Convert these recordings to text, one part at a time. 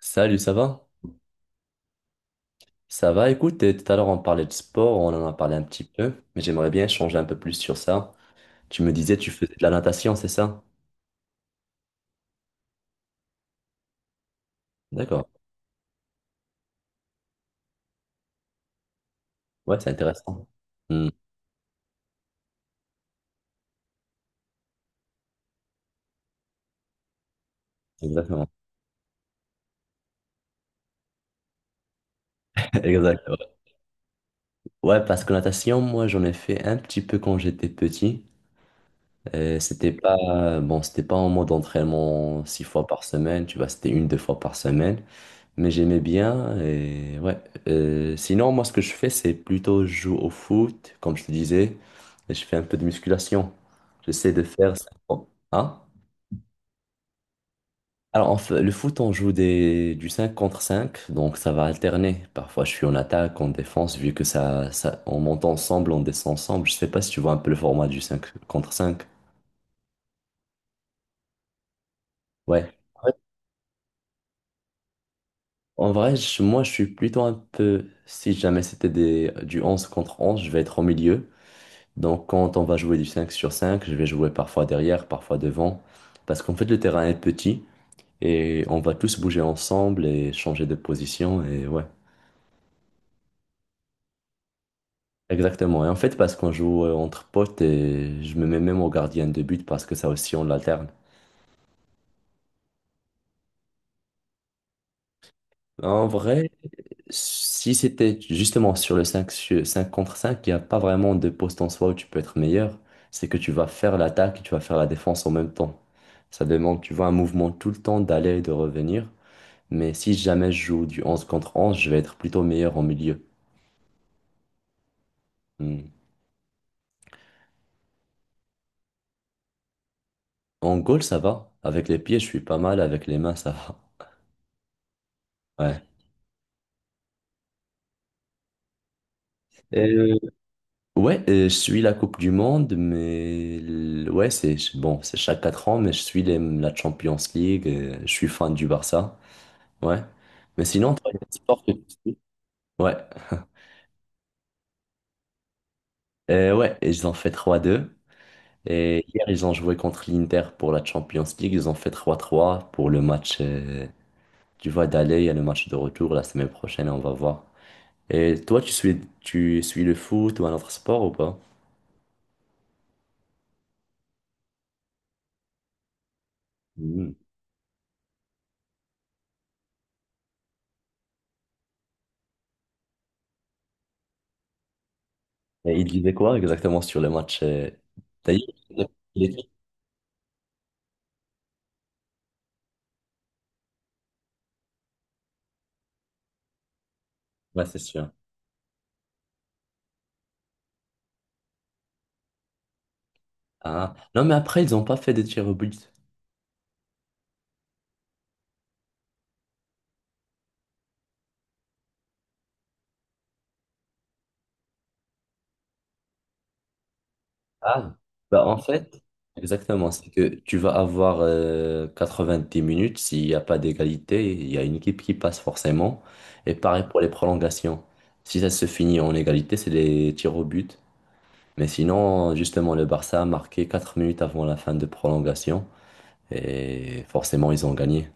Salut, ça va? Ça va, écoute, et tout à l'heure on parlait de sport, on en a parlé un petit peu, mais j'aimerais bien changer un peu plus sur ça. Tu me disais, tu faisais de la natation, c'est ça? D'accord. Ouais, c'est intéressant. Hmm, exactement. Exactement. Ouais, ouais, parce que natation, moi, j'en ai fait un petit peu quand j'étais petit. Et c'était pas, bon, c'était pas en mode entraînement 6 fois par semaine, tu vois, c'était une, deux fois par semaine. Mais j'aimais bien et ouais. Sinon, moi, ce que je fais, c'est plutôt je joue au foot, comme je te disais, et je fais un peu de musculation. J'essaie de faire... cinq con- Hein? Alors, en fait, le foot, on joue du 5 contre 5, donc ça va alterner. Parfois, je suis en attaque, en défense, vu que on monte ensemble, on descend ensemble. Je sais pas si tu vois un peu le format du 5 contre 5. Ouais. Ouais. En vrai, moi, je suis plutôt un peu. Si jamais c'était du 11 contre 11, je vais être au milieu. Donc quand on va jouer du 5 sur 5, je vais jouer parfois derrière, parfois devant, parce qu'en fait le terrain est petit et on va tous bouger ensemble et changer de position et ouais. Exactement. Et en fait parce qu'on joue entre potes et je me mets même au gardien de but parce que ça aussi on l'alterne. En vrai, si c'était justement sur le 5 contre 5, il n'y a pas vraiment de poste en soi où tu peux être meilleur, c'est que tu vas faire l'attaque et tu vas faire la défense en même temps. Ça demande, tu vois, un mouvement tout le temps d'aller et de revenir. Mais si jamais je joue du 11 contre onze, je vais être plutôt meilleur en milieu. Hmm. En goal, ça va. Avec les pieds, je suis pas mal. Avec les mains, ça va. Ouais. Et, Euh, Ouais, je suis la Coupe du Monde, mais ouais, c'est bon, c'est chaque 4 ans, mais je suis la Champions League, je suis fan du Barça. Ouais. Mais sinon, toi, il y a des sports que tu suis. Ouais. Ouais, et ils ont fait 3-2. Et hier, ils ont joué contre l'Inter pour la Champions League. Ils ont fait 3-3 pour le match tu vois, d'aller, il y a le match de retour la semaine prochaine, on va voir. Et toi, tu suis le foot ou un autre sport ou pas? Mhm. Et il disait quoi exactement sur le match? D'ailleurs, il était- ouais, c'est sûr. Ah. Non, mais après, ils n'ont pas fait de tir au but. Ah, bah en fait, exactement, c'est que tu vas avoir 90 minutes, s'il n'y a pas d'égalité, il y a une équipe qui passe forcément. Et pareil pour les prolongations. Si ça se finit en égalité, c'est les tirs au but. Mais sinon, justement, le Barça a marqué 4 minutes avant la fin de prolongation et forcément, ils ont gagné.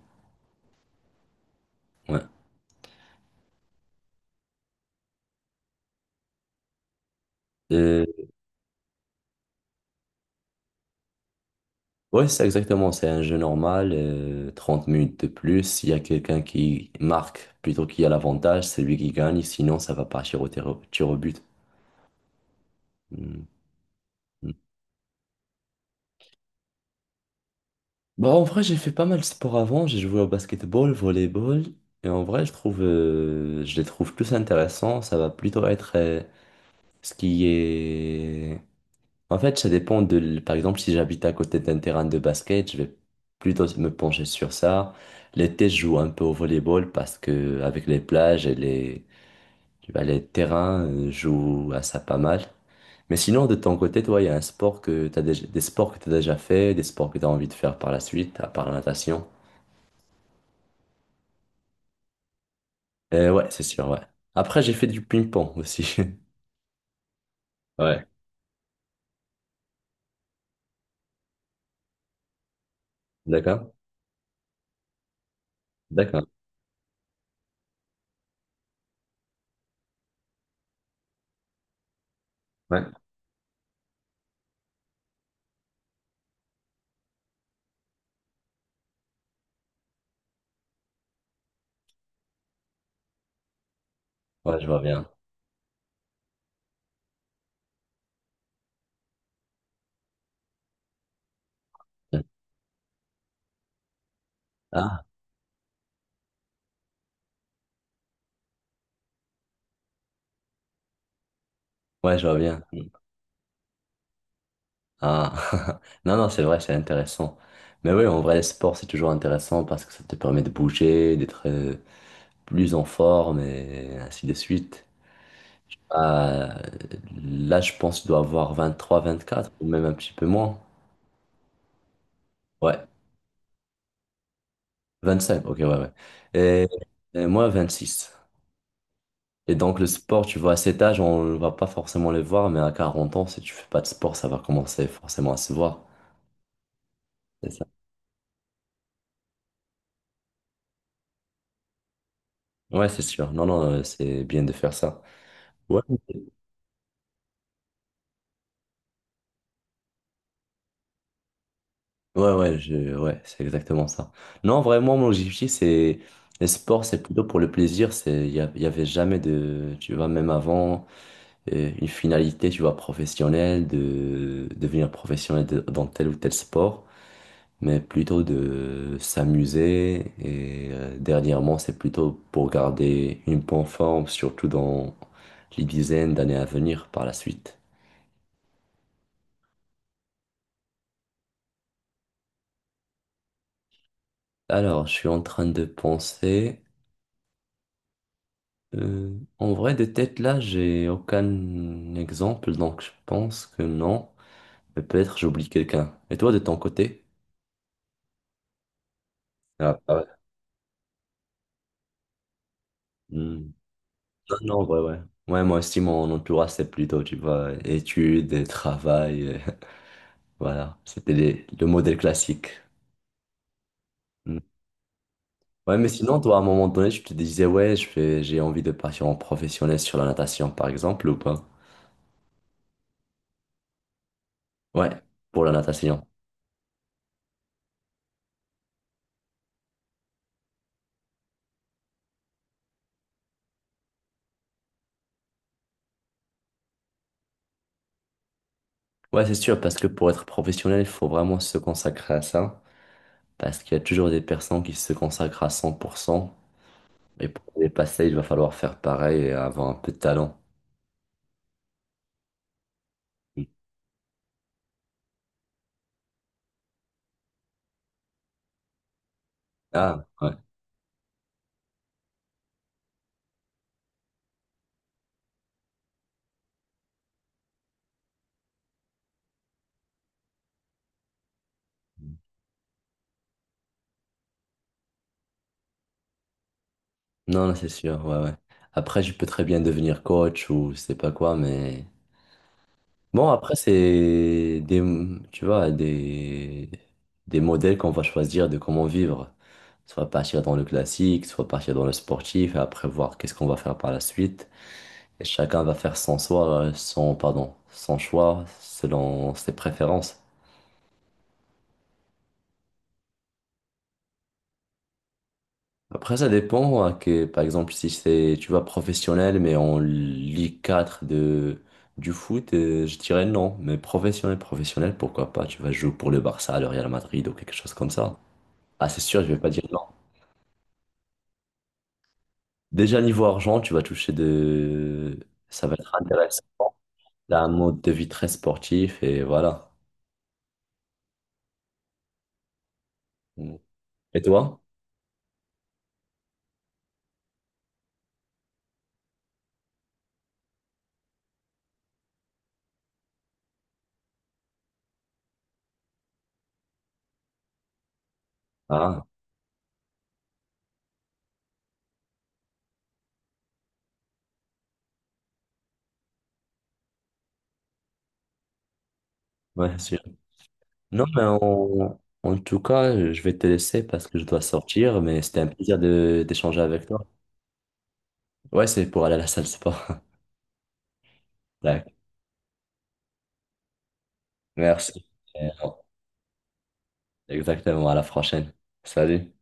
Ouais, Euh, ouais, c'est exactement, c'est un jeu normal, 30 minutes de plus. S'il y a quelqu'un qui marque plutôt qu'il y a l'avantage, c'est lui qui gagne, sinon, ça va partir au tir au but. Mm. Bon, en vrai, j'ai fait pas mal de sport avant. J'ai joué au basketball, volleyball. Et en vrai, je trouve, je les trouve plus intéressants. Ça va plutôt être ce qui est en fait, ça dépend par exemple, si j'habite à côté d'un terrain de basket, je vais plutôt me pencher sur ça. L'été, je joue un peu au volleyball parce que avec les plages et les, tu vois, les terrains, je joue à ça pas mal. Mais sinon, de ton côté, toi, il y a un sport que t'as déjà, des sports que tu as déjà fait, des sports que tu as envie de faire par la suite, à part la natation. Ouais, c'est sûr, ouais. Après, j'ai fait du ping-pong aussi. Ouais. D'accord? D'accord. Ouais. Ouais, je vois bien. Ah, ouais, je vois bien. Ah, non, non, c'est vrai, c'est intéressant. Mais oui, en vrai, le sport, c'est toujours intéressant parce que ça te permet de bouger, d'être plus en forme et ainsi de suite. Euh, Là, je pense que je dois avoir 23 24 ou même un petit peu moins. Ouais, 25, ok, ouais, ouais. Et, moi, six. Et donc, le sport, tu vois, à cet âge, on ne va pas forcément le voir, mais à 40 ans, si tu fais pas de sport, ça va commencer forcément à se voir. C'est ça. Ouais, c'est sûr. Non, non, c'est bien de faire ça. Ouais. Ouais, ouais, ouais, c'est exactement ça. Non, vraiment, mon objectif, c'est. Les sports, c'est plutôt pour le plaisir. C'est. Il y avait jamais de. Tu vois, même avant, une finalité, tu vois, professionnelle, de devenir professionnel dans tel ou tel sport, mais plutôt de s'amuser. Et dernièrement, c'est plutôt pour garder une bonne forme, surtout dans les dizaines d'années à venir par la suite. Alors, je suis en train de penser. En vrai, de tête là, j'ai aucun exemple, donc je pense que non. Mais peut-être j'oublie quelqu'un. Et toi, de ton côté? Ah, ah ouais. Hmm. Non, non, ouais, ouais. Ouais, moi aussi, mon entourage, c'est plutôt, tu vois, études, et travail. Voilà, c'était le modèle classique. Hmm. Ouais, mais sinon, toi, à un moment donné, tu te disais, ouais, j'ai envie de partir en professionnel sur la natation, par exemple, ou pas? Ouais, pour la natation. Ouais, c'est sûr, parce que pour être professionnel, il faut vraiment se consacrer à ça. Parce qu'il y a toujours des personnes qui se consacrent à 100%. Et pour les passer, il va falloir faire pareil et avoir un peu de talent. Ah, ouais. Non, non, c'est sûr, ouais, ouais. Après, je peux très bien devenir coach ou je sais pas quoi, mais. Bon, après, c'est des, tu vois, des modèles qu'on va choisir de comment vivre. Soit partir dans le classique, soit partir dans le sportif, et après voir qu'est-ce qu'on va faire par la suite. Et chacun va faire son choix, son, pardon, son choix selon ses préférences. Après, ça dépend, hein, que, par exemple, si c'est, tu vois, professionnel, mais en Ligue 4 du foot, je dirais non. Mais professionnel, professionnel, pourquoi pas? Tu vas jouer pour le Barça, le Real Madrid ou quelque chose comme ça. Ah, c'est sûr, je vais pas dire non. Déjà, niveau argent, tu vas toucher de. Ça va être intéressant. T'as un mode de vie très sportif et voilà. Et toi? Ah, ouais, sûr. Non, mais en tout cas, je vais te laisser parce que je dois sortir, mais c'était un plaisir de d'échanger avec toi. Ouais, c'est pour aller à la salle de sport. D'accord. Merci. Et, euh, Exactement, à la prochaine. Salut.